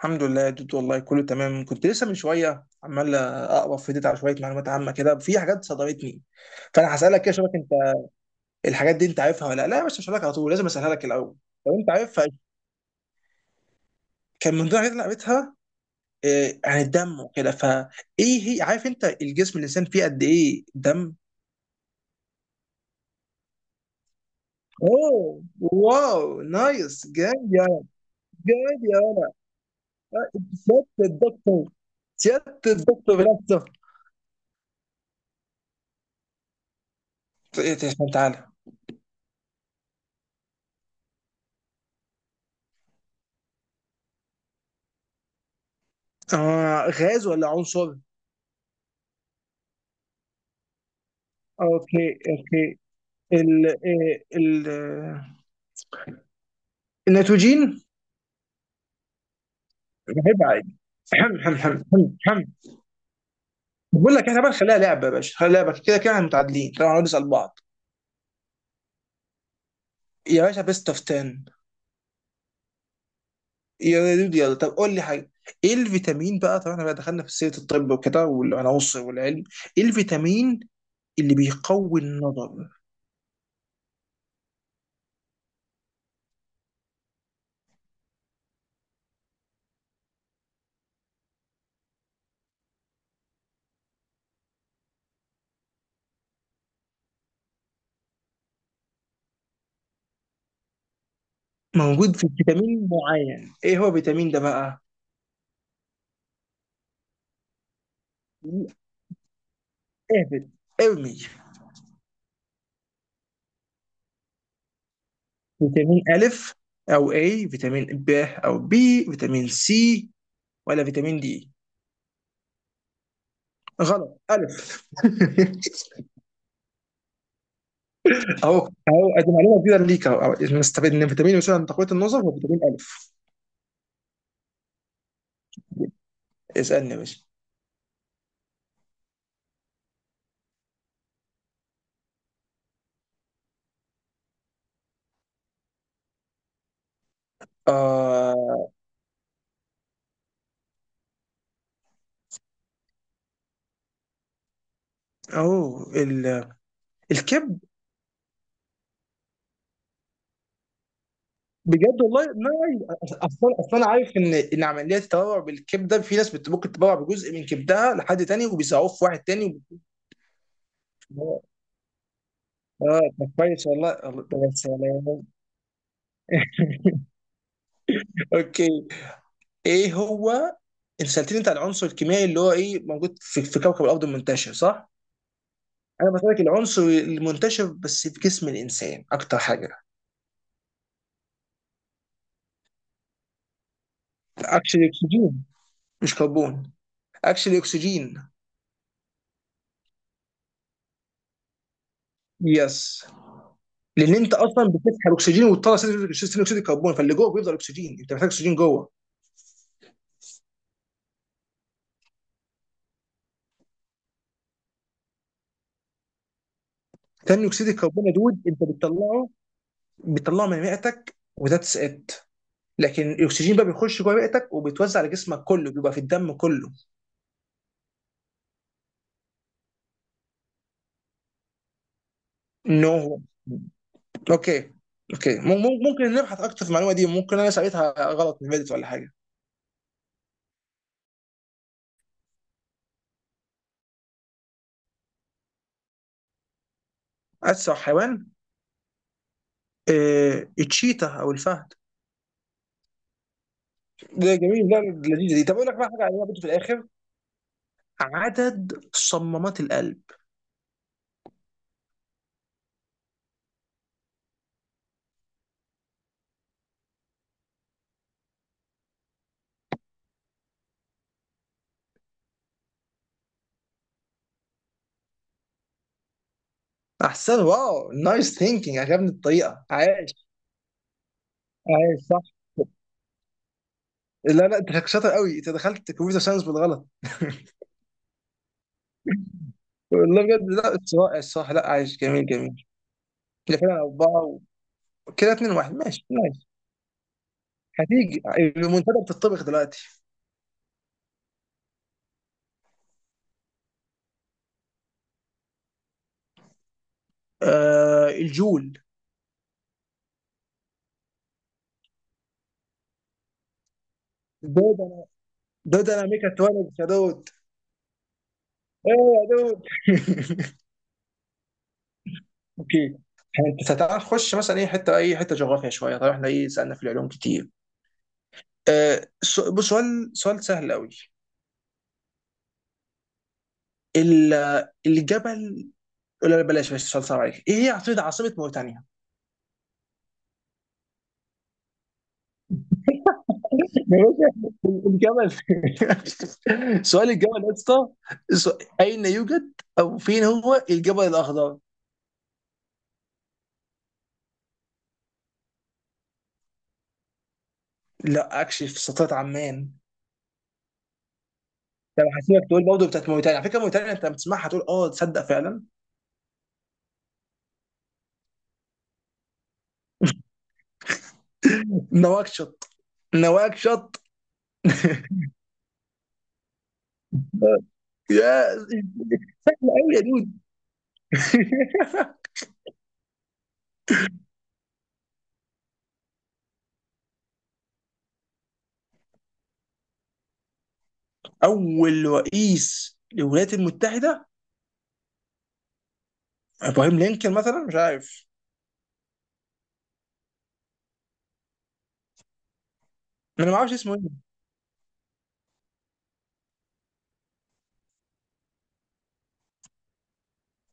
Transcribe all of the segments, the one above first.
الحمد لله يا دود، والله كله تمام. كنت لسه من شويه عمال اقرا في ديت على شويه معلومات عامه كده، في حاجات صدمتني. فانا هسالك كده اشوفك انت الحاجات دي انت عارفها ولا لا لا يا باشا. مش هسالك على طول، لازم اسالها لك الاول لو انت عارفها. كان من ضمن الحاجات اللي قريتها عن الدم وكده، فايه هي، عارف انت الجسم الانسان فيه قد ايه دم؟ اوه، واو، نايس، جامد يا، جامد يا ولد. سيادة الدكتور، سيادة الدكتور بنفسه. إيه ده؟ تعالى. آه، غاز ولا عنصر؟ اوكي اوكي. ال إيه، ال آه، النيتروجين. بحب عادي. حمل حمل حمل حمل حمل. بقول لك احنا بقى نخليها لعبه يا باشا، خليها لعبه، كده كده احنا متعادلين، طبعا هنقعد نسال بعض. يا باشا بيست اوف 10. يا دود يلا، طب قول لي حاجه. ايه الفيتامين بقى، طبعا احنا بقى دخلنا في سيره الطب وكده والعناصر والعلم، ايه الفيتامين اللي بيقوي النظر؟ موجود في فيتامين معين، ايه هو الفيتامين ده بقى؟ اهبط، ارمي. فيتامين ألف أو A، فيتامين ب أو B، فيتامين سي، ولا فيتامين دي؟ غلط، ألف. أهو أهو، أدي معلومة جديدة ليك أهو أهو. نستفيد إن فيتامين يساعد على تقوية النظر هو فيتامين ألف. اسألني يا باشا. آه، أهو الكبد. بجد والله ما، أصلا أصلا أنا عارف إن عملية التبرع بالكبد ده في ناس ممكن تتبرع بجزء من كبدها لحد تاني، وبيساعوه في واحد تاني. وب- اه ده كويس والله، ده يا سلام. اوكي، ايه هو. انت سالتني انت عن العنصر الكيميائي اللي هو ايه موجود في كوكب الارض منتشر صح؟ انا بسالك العنصر المنتشر بس في جسم الانسان اكتر حاجه. اكشلي اكسجين، مش كربون. اكشلي اكسجين. يس. لان انت اصلا بتسحب اكسجين وتطلع ثاني اكسيد الكربون، فاللي جوه بيفضل اكسجين، انت محتاج اكسجين جوه. ثاني اكسيد الكربون يا دود انت بتطلعه، بتطلعه من رئتك وذاتس ات. لكن الاكسجين بقى بيخش جوه رئتك وبيتوزع على جسمك كله، بيبقى في الدم كله. نو. No. اوكي اوكي. ممكن نبحث اكتر في المعلومه دي، ممكن انا سألتها غلط من فيديو ولا حاجه. اسرع حيوان، إيه، التشيتا او الفهد. ده جميل، لا لذيذه دي. طب اقول لك بقى حاجه عليها برضه في الاخر. عدد صمامات القلب. احسن، واو، نايس ثينكينج، عجبني الطريقه، عايش. عايش صح. لا لا، انت شاطر قوي، انت دخلت كمبيوتر ساينس بالغلط. والله بجد، لا اتس رائع الصراحه، لا عايش، جميل جميل. ده فعلا اربعه، كده 2 1، ماشي ماشي. هتيجي المنتدى بتطبخ دلوقتي. آه، الجول. دود انا، دود انا ميكاترونكس يا دود. ايه يا دود. اوكي انت تعال نخش مثلا اي حته اي حته، جغرافيا شويه، طبعا احنا ايه سالنا في العلوم كتير. بص سؤال، سؤال سهل قوي. الجبل. لا لا، بلاش بلاش سؤال صعب عليك، ايه هي عاصمه موريتانيا؟ يا باشا، الجبل. سؤال الجبل يا اسطى. اين يوجد او فين هو الجبل الاخضر؟ لا، اكشلي في سلطنه عمان. طب هسيبك تقول برضه بتاعت موريتانيا، على فكره موريتانيا انت لما تسمعها تقول اه تصدق فعلا. نواكشوط، نواكشوط. يا، سهله قوي يا دود. اول رئيس للولايات المتحده، ابراهيم لينكولن مثلا، مش عارف، انا ما اعرفش اسمه ايه.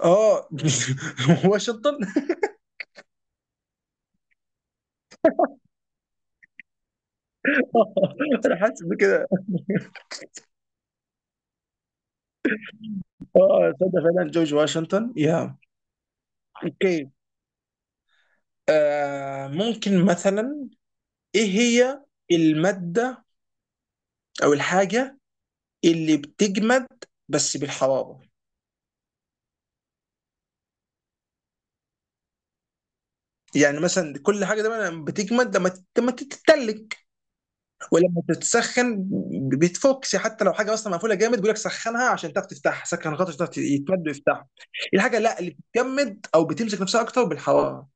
اه. واشنطن. انا حاسس بكده. اه تصدق فعلا جورج واشنطن يا. اوكي، آه ممكن مثلا، ايه هي الماده او الحاجه اللي بتجمد بس بالحراره؟ يعني مثلا كل حاجه دايما لما بتجمد، لما لما تتلج ولما تتسخن بتفوكس، حتى لو حاجه اصلا مقفوله جامد بيقول لك سخنها عشان تعرف تفتحها، سخن الغطا عشان تعرف يتمد ويفتحها. الحاجه لا اللي بتجمد او بتمسك نفسها اكتر بالحراره.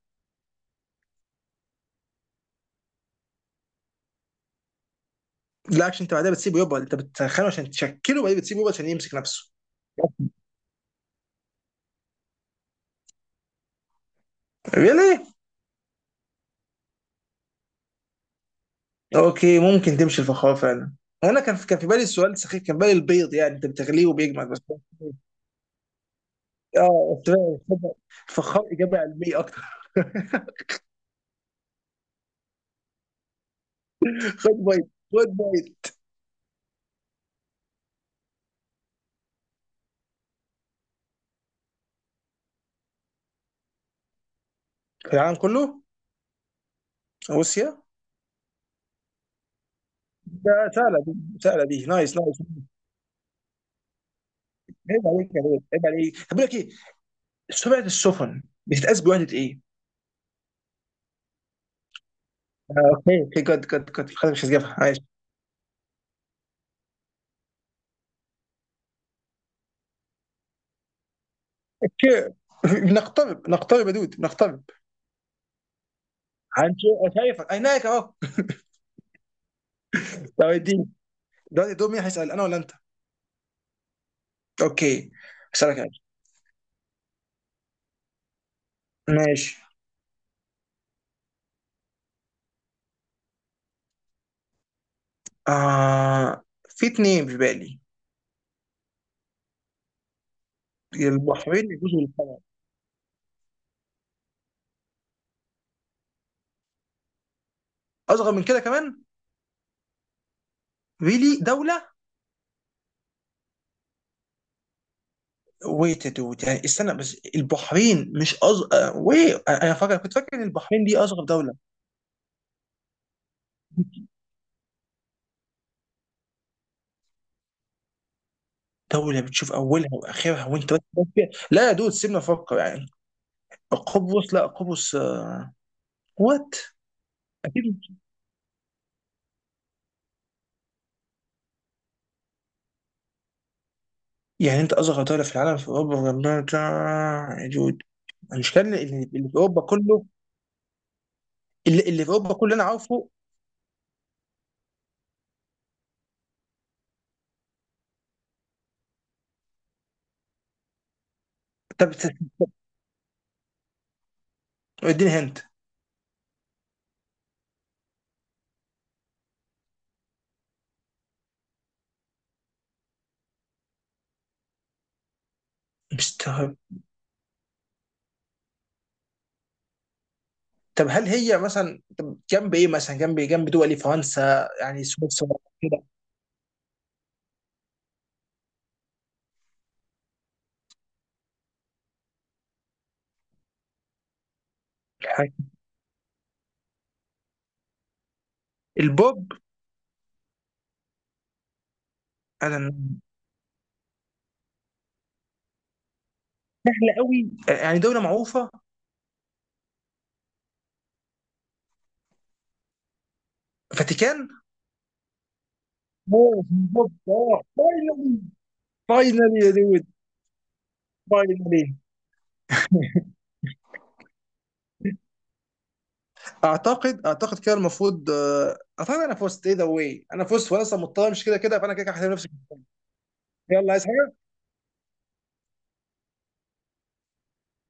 لا عشان انت بعدها بتسيبه يبقى، انت بتسخنه عشان تشكله وبعدين بتسيبه يبقى عشان يمسك نفسه. ليه؟ اوكي ممكن تمشي الفخار فعلا. انا كان في بالي السؤال سخيف، كان في بالي البيض، يعني انت بتغليه وبيجمد بس. اه، استراليا، فخار، اجابه علميه اكتر. خد بيض خد بيض. العالم كله، روسيا. ده سهله دي، سهله دي، نايس نايس. عيب عليك يا بيض، عيب عليك. طب بقول لك ايه، سمعه السفن بتتقاس بوحده ايه؟ آه، اوكي اوكي، جد جد جد، خلاص مش هتجيبها، ماشي. اوكي. بنقترب، نقترب يا دود، بنقترب. هنشوف، شايفك عينيك اهو. طب اديني، دلوقتي دور مين هيسال، انا ولا انت؟ اوكي، اسالك انا. ماشي. آه، في اتنين في بالي. البحرين، يجوز القمر. اصغر من كده كمان، ريلي دوله. ويت دوت، يعني استنى بس، البحرين مش اصغر وي، انا فاكر، كنت فاكر ان البحرين دي اصغر دوله. دوله بتشوف اولها واخرها وانت بس فيها. لا يا دود، سيبنا نفكر يعني. قبرص، لا قبرص. وات. اكيد. يعني انت اصغر دوله في العالم في اوروبا وجنبها بتاع- يا دود، انا مش كان اللي اللي في اوروبا كله، اللي في اوروبا كله انا عارفه. طب اديني هنت. مستر. طب هل هي مثلا، طب جنب ايه مثلا، جنب إيه؟ جنب دول فرنسا يعني سويسرا كده. حاجة. البوب. انا، لا قوي، يعني دوله معروفه. فاتيكان. أوه، البوب، اه فاينلي. فاينلي يا دود، فاينلي. اعتقد كده المفروض، آه، اعتقد انا فزت، ايه ذا واي، انا فزت، وانا اصلا مضطر، مش كده كده فانا كده كده هحترم نفسي. يلا، عايز حاجة؟